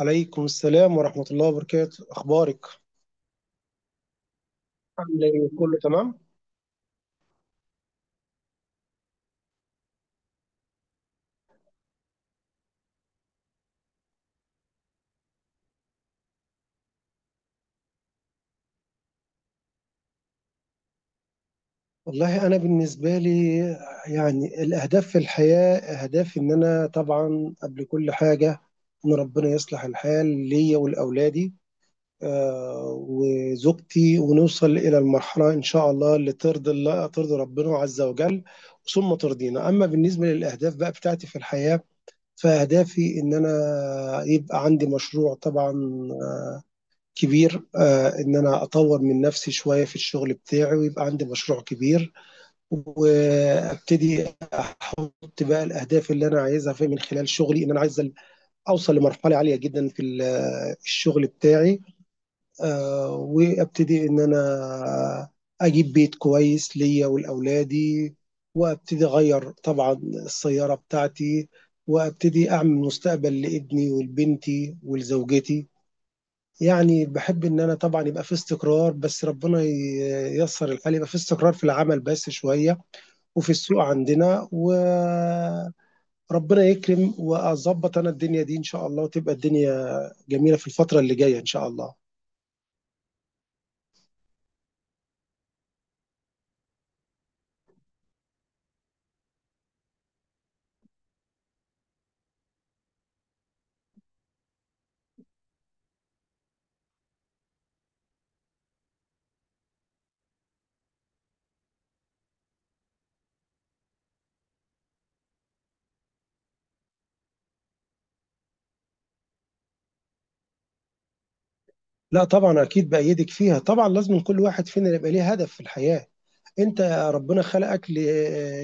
عليكم السلام ورحمة الله وبركاته. أخبارك؟ عامل إيه؟ كله تمام. والله أنا بالنسبة لي يعني الأهداف في الحياة أهداف، إن أنا طبعا قبل كل حاجة إن ربنا يصلح الحال ليا ولأولادي وزوجتي، ونوصل إلى المرحلة إن شاء الله اللي ترضي الله، ترضي ربنا عز وجل ثم ترضينا. أما بالنسبة للأهداف بقى بتاعتي في الحياة فأهدافي إن أنا يبقى عندي مشروع طبعا كبير، ان انا اطور من نفسي شويه في الشغل بتاعي، ويبقى عندي مشروع كبير، وابتدي احط بقى الاهداف اللي انا عايزها في من خلال شغلي. ان انا عايز اوصل لمرحله عاليه جدا في الشغل بتاعي، وابتدي ان انا اجيب بيت كويس ليا ولاولادي، وابتدي اغير طبعا السياره بتاعتي، وابتدي اعمل مستقبل لابني ولبنتي ولزوجتي. يعني باحب إن أنا طبعًا يبقى في استقرار، بس ربنا ييسّر الحال، يبقى في استقرار في العمل بس شوية، وفي السوق عندنا، وربنا يكرم وأضبّط أنا الدنيا دي إن شاء الله، وتبقى الدنيا جميلة في الفترة اللي جاية إن شاء الله. لأ طبعًا أكيد بأيّدِك فيها، طبعًا لازمًا كل واحد فينا يبقى ليه هدف في الحياة. انت ربنا خلقك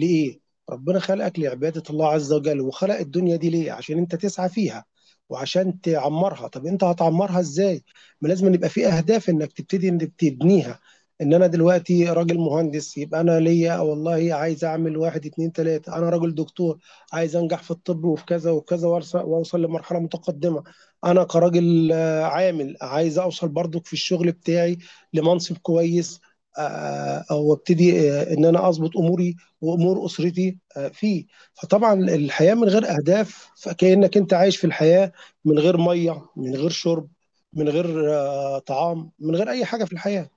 لايه؟ ربنا خلقك لعباده الله عز وجل، وخلق الدنيا دي ليه عشان انت تسعى فيها وعشان تعمرها. طب انت هتعمرها ازاي؟ ما لازم يبقى في اهداف انك تبتدي انك تبنيها. ان انا دلوقتي راجل مهندس، يبقى انا ليا والله عايز اعمل واحد اتنين تلاته. انا راجل دكتور عايز انجح في الطب وفي كذا وكذا، واوصل لمرحله متقدمه. انا كراجل عامل عايز اوصل برضك في الشغل بتاعي لمنصب كويس، وابتدي ان انا اظبط اموري وامور اسرتي فيه. فطبعا الحياه من غير اهداف فكانك انت عايش في الحياه من غير ميه، من غير شرب، من غير طعام، من غير اي حاجه في الحياه.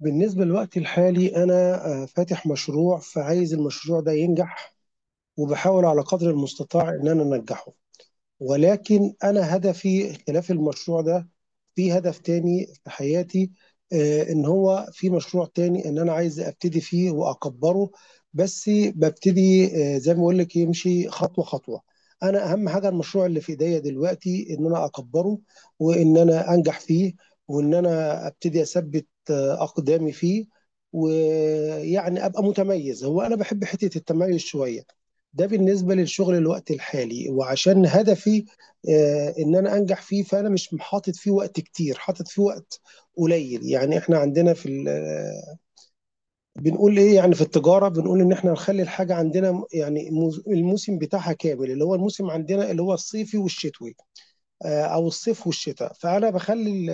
بالنسبه للوقت الحالي انا فاتح مشروع، فعايز المشروع ده ينجح، وبحاول على قدر المستطاع ان انا انجحه. ولكن أنا هدفي خلاف المشروع ده، في هدف تاني في حياتي، إن هو في مشروع تاني إن أنا عايز أبتدي فيه وأكبره. بس ببتدي، زي ما بقول لك، يمشي خطوة خطوة. أنا أهم حاجة المشروع اللي في إيديا دلوقتي إن أنا أكبره، وإن أنا أنجح فيه، وإن أنا أبتدي أثبت أقدامي فيه، ويعني أبقى متميز. هو أنا بحب حتة التميز شوية. ده بالنسبة للشغل الوقت الحالي. وعشان هدفي ان انا انجح فيه، فانا مش حاطط فيه وقت كتير، حاطط فيه وقت قليل. يعني احنا عندنا في بنقول ايه؟ يعني في التجارة بنقول ان احنا نخلي الحاجة عندنا الموسم بتاعها كامل، اللي هو الموسم عندنا اللي هو الصيفي والشتوي، او الصيف والشتاء. فانا بخلي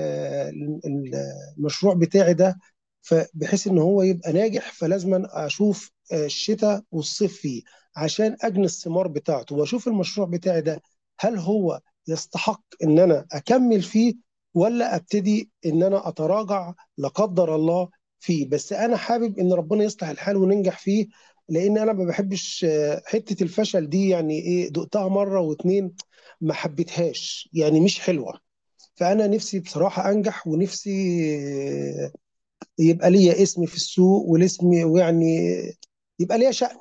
ال- ال- المشروع بتاعي ده بحيث ان هو يبقى ناجح، فلازم اشوف الشتاء والصيف فيه عشان اجني الثمار بتاعته، واشوف المشروع بتاعي ده هل هو يستحق ان انا اكمل فيه ولا ابتدي ان انا اتراجع، لا قدر الله، فيه. بس انا حابب ان ربنا يصلح الحال وننجح فيه، لان انا ما بحبش حته الفشل دي. يعني ايه دقتها مره واتنين، ما حبيتهاش، يعني مش حلوه. فانا نفسي بصراحه انجح، ونفسي يبقى ليا اسم في السوق، والاسم ويعني يبقى ليا شأن.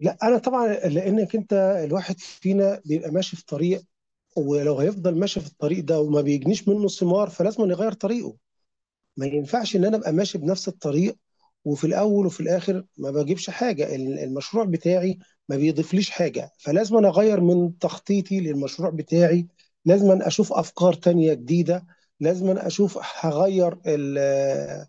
لا انا طبعا، لانك انت الواحد فينا بيبقى ماشي في طريق، ولو هيفضل ماشي في الطريق ده وما بيجنيش منه ثمار فلازم يغير طريقه. ما ينفعش ان انا ابقى ماشي بنفس الطريق، وفي الاول وفي الاخر ما بجيبش حاجه. المشروع بتاعي ما بيضيفليش حاجه، فلازم أنا اغير من تخطيطي للمشروع بتاعي. لازم أنا اشوف افكار تانية جديده. لازم أنا اشوف هغير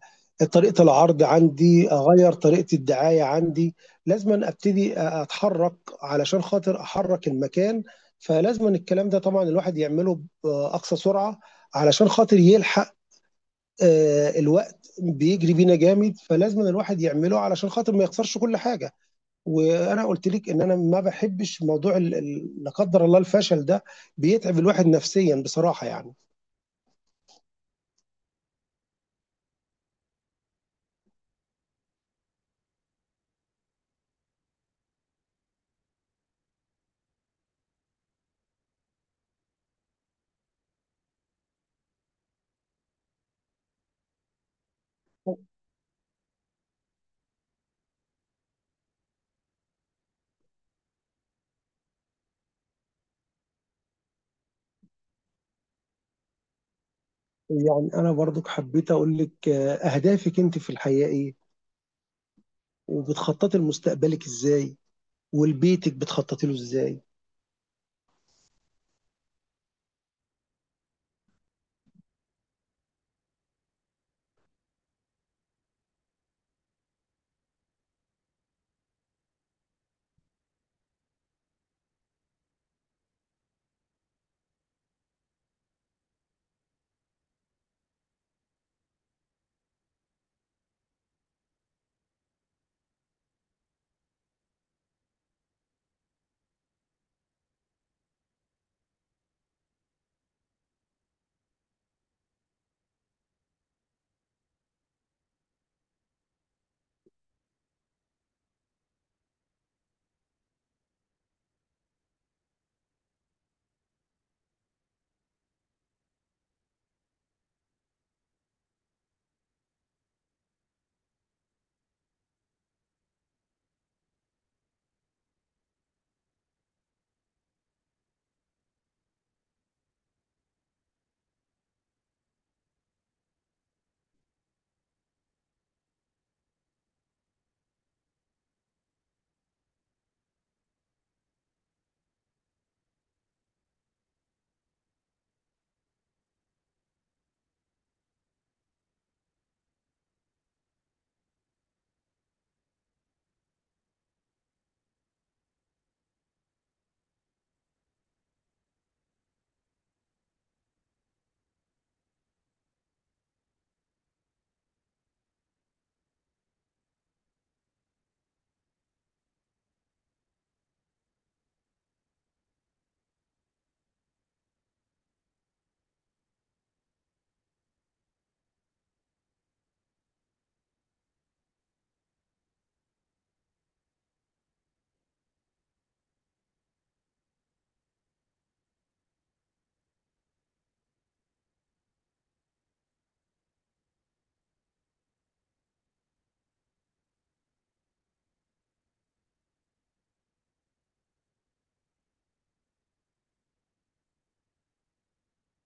طريقه العرض عندي، اغير طريقه الدعايه عندي. لازم أنا ابتدي اتحرك علشان خاطر احرك المكان. فلازم الكلام ده طبعا الواحد يعمله باقصى سرعه علشان خاطر يلحق. الوقت بيجري بينا جامد، فلازم الواحد يعمله علشان خاطر ما يخسرش كل حاجه. وانا قلت لك ان انا ما بحبش موضوع لا قدر الله الفشل ده، بيتعب الواحد نفسيا بصراحه يعني. يعني انا برضك حبيت اقول لك، اهدافك انت في الحياه ايه، وبتخططي لمستقبلك ازاي، ولبيتك بتخططي له ازاي.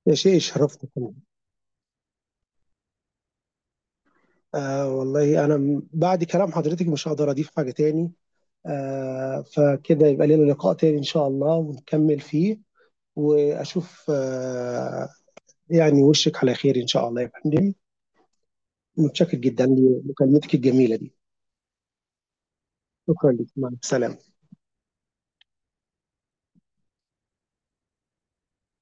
يا شيخ شرفتك. والله انا بعد كلام حضرتك مش هقدر اضيف حاجه تاني. آه، فكده يبقى لنا لقاء تاني ان شاء الله ونكمل فيه، واشوف يعني وشك على خير ان شاء الله يا فندم. متشكر جدا لمكالمتك الجميله دي. شكرا لك، مع السلامه.